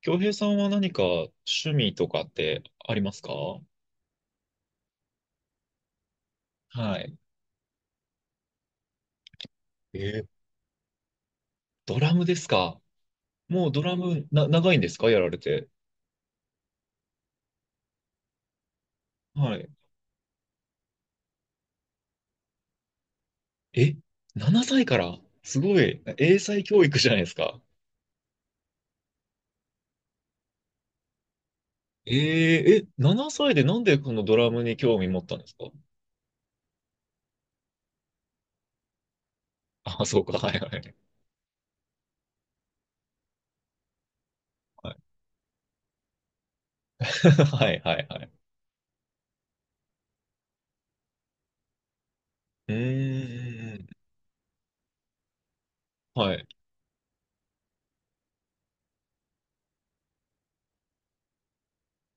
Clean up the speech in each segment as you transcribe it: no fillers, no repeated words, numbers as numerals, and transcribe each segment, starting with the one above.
京平さんは何か趣味とかってありますか？はい。えードラムですか？もうドラムな、長いんですかやられて？はい。え、7歳からすごい。英才教育じゃないですか。えー、え、7歳でなんでこのドラムに興味持ったんですか？あ、そうか。はいはい。はい はいはいはい。うーん。はい。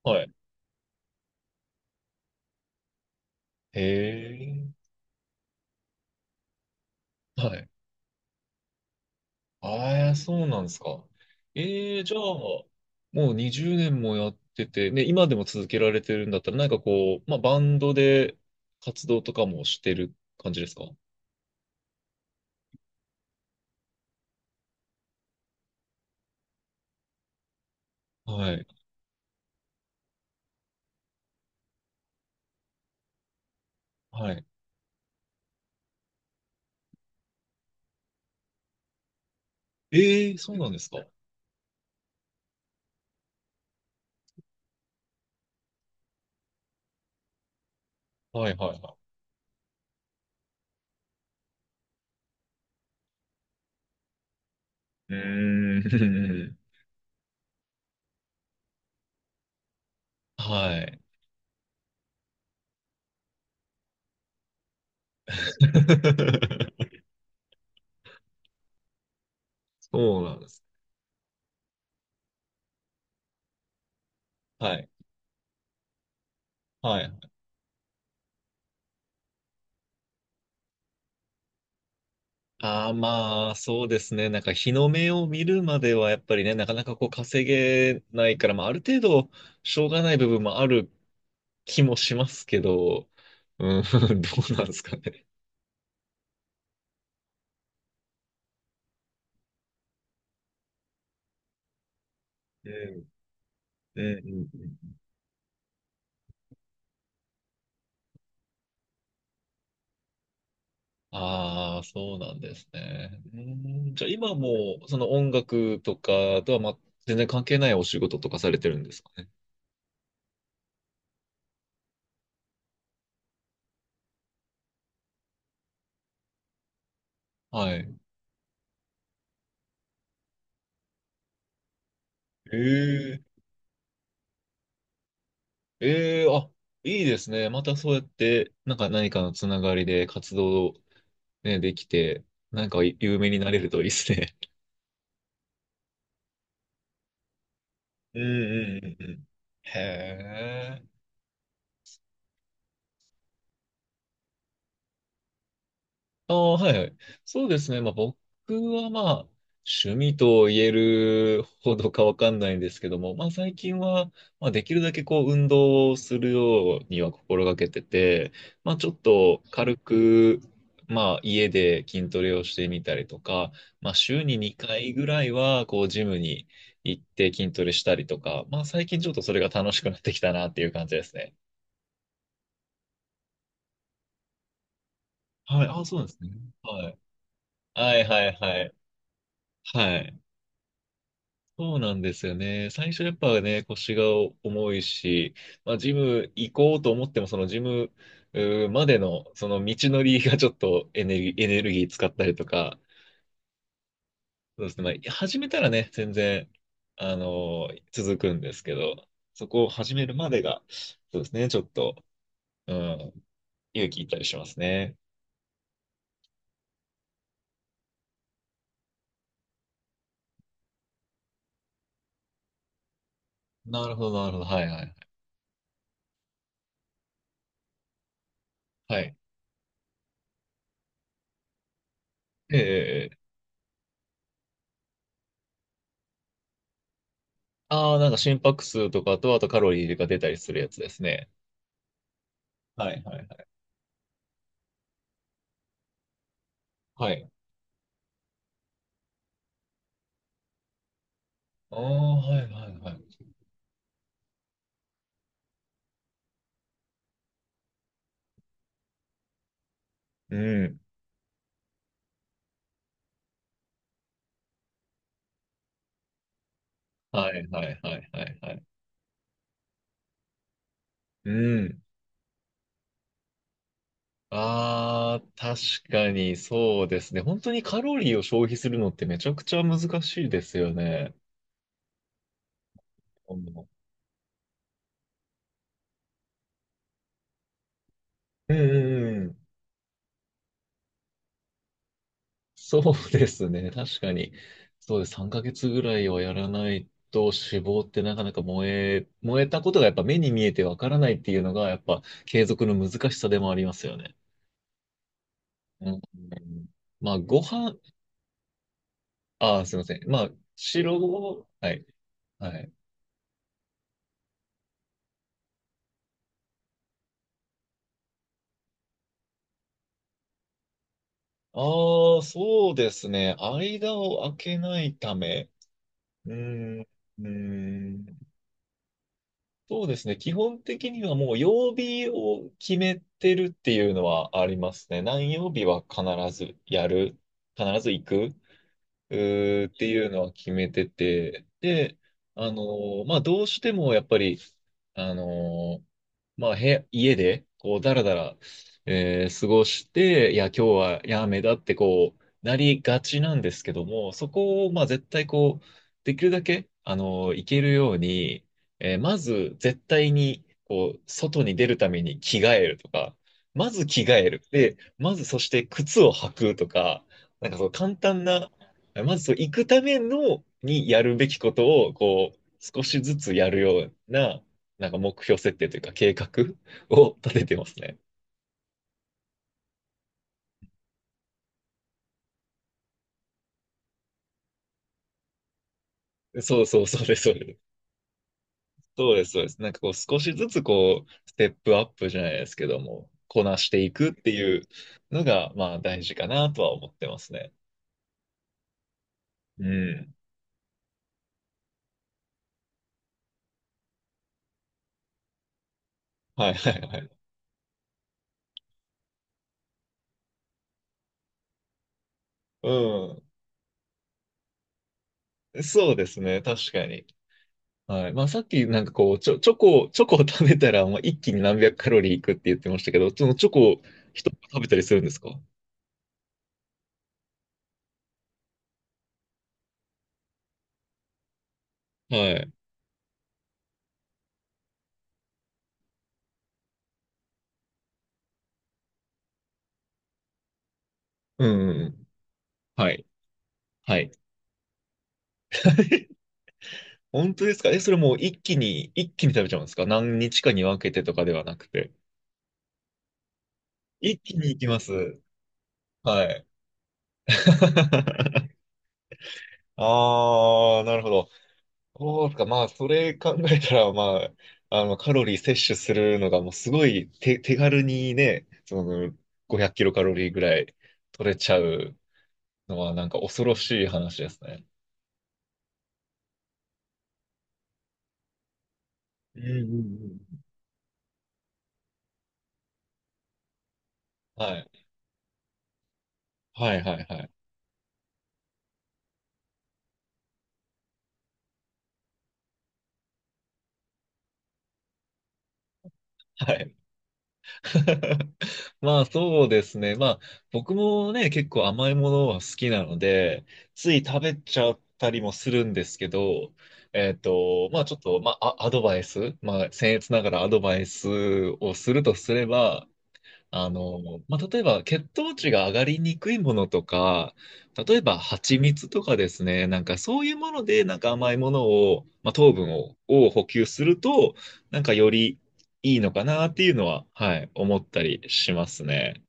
はい。へえ。はい。ああ、そうなんですか。ええ、じゃあ、もう20年もやってて、ね、今でも続けられてるんだったら、なんかこう、まあ、バンドで活動とかもしてる感じですか？はい。はい。ええ、そうなんですか。はい、はい、はい。うーん。はい。そうなんです。はい。はい。ああ、まあ、そうですね。なんか日の目を見るまでは、やっぱりね、なかなかこう稼げないから、まあ、ある程度、しょうがない部分もある気もしますけど、うん。どうなんですかね。うん、うん、うんうん。ああ、そうなんですね。うん。じゃあ今も、その音楽とかとは、ま、全然関係ないお仕事とかされてるんですかね。はい。ええ、ええ、あ、いいですね。またそうやって、なんか何かのつながりで活動、ね、できて、なんか有名になれるといいですね。うん、うん、うんうん。へえ。ああ、はいはい。そうですね。まあ僕はまあ趣味と言えるほどかわかんないんですけども、まあ最近は、まあ、できるだけこう運動をするようには心がけてて、まあちょっと軽く、まあ家で筋トレをしてみたりとか、まあ週に2回ぐらいはこうジムに行って筋トレしたりとか、まあ最近ちょっとそれが楽しくなってきたなっていう感じですね。はい。ああ、そうなんですね。はい。はいはいはい。はい。そうなんですよね。最初やっぱね、腰が重いし、まあ、ジム行こうと思っても、そのジムまでの、その道のりがちょっとエネルギー使ったりとか、そうですね。まあ、始めたらね、全然、続くんですけど、そこを始めるまでが、そうですね、ちょっと、うん、勇気いったりしますね。なるほど、なるほど。はいはい。はい。ええ。ああー、なんか心拍数とかと、あとカロリーが出たりするやつですね。はいはいはい。はい。ああ、はいはいはい。うん。はいはいはいはいはい。うん。ああ、確かにそうですね。本当にカロリーを消費するのってめちゃくちゃ難しいですよね。うんうんうんうん。そうですね。確かに。そうです。3ヶ月ぐらいはやらないと脂肪ってなかなか燃えたことがやっぱ目に見えてわからないっていうのがやっぱ継続の難しさでもありますよね。うん。まあご飯、ああ、すいません。まあ、はい、はい。ああ、そうですね。間を空けないため。うーん、うーん。そうですね。基本的にはもう曜日を決めてるっていうのはありますね。何曜日は必ずやる。必ず行く。っていうのは決めてて、で、あのまあ、どうしてもやっぱり、あのーまあ、部屋、家で、こう、だらだら、過ごして、いや、今日はやめだって、こう、なりがちなんですけども、そこを、まあ、絶対、こう、できるだけ、いけるように、まず、絶対に、こう、外に出るために着替えるとか、まず着替える。で、まず、そして靴を履くとか、なんかそう簡単なまずそう、行くためのにやるべきことを、こう、少しずつやるような、なんか目標設定というか計画を 立ててますね。そうそう、そうです、そうです。そうです、そうです。なんかこう、少しずつこう、ステップアップじゃないですけども、こなしていくっていうのが、まあ、大事かなとは思ってますね。うん。はい、はい、はい。うん。そうですね、確かに。はい。まあ、さっきなんかこう、チョコを食べたら、まあ、一気に何百カロリーいくって言ってましたけど、そのチョコを一つ食べたりするんですか？はい。うんうんうん。はい。はい。本当ですか？え、それもう一気に、一気に食べちゃうんですか？何日かに分けてとかではなくて。一気にいきます。はい。ああ、なるほど。そうですか。まあ、それ考えたら、まあ、カロリー摂取するのが、もうすごい手軽にね、その、500キロカロリーぐらい取れちゃうのは、なんか恐ろしい話ですね。うんうんうん。はい。はいはいはい。はい。まあそうですね。まあ僕もね、結構甘いものは好きなので、つい食べちゃったりもするんですけど、まあちょっと、まああアドバイス、まあ僭越ながらアドバイスをするとすれば、あの、まあ、例えば血糖値が上がりにくいものとか、例えば蜂蜜とかですね、なんかそういうもので、なんか甘いものを、まあ、糖分を補給すると、なんかよりいいのかなっていうのは、はい、思ったりしますね。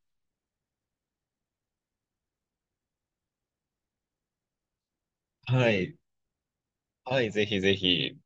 はい。はい、ぜひぜひ。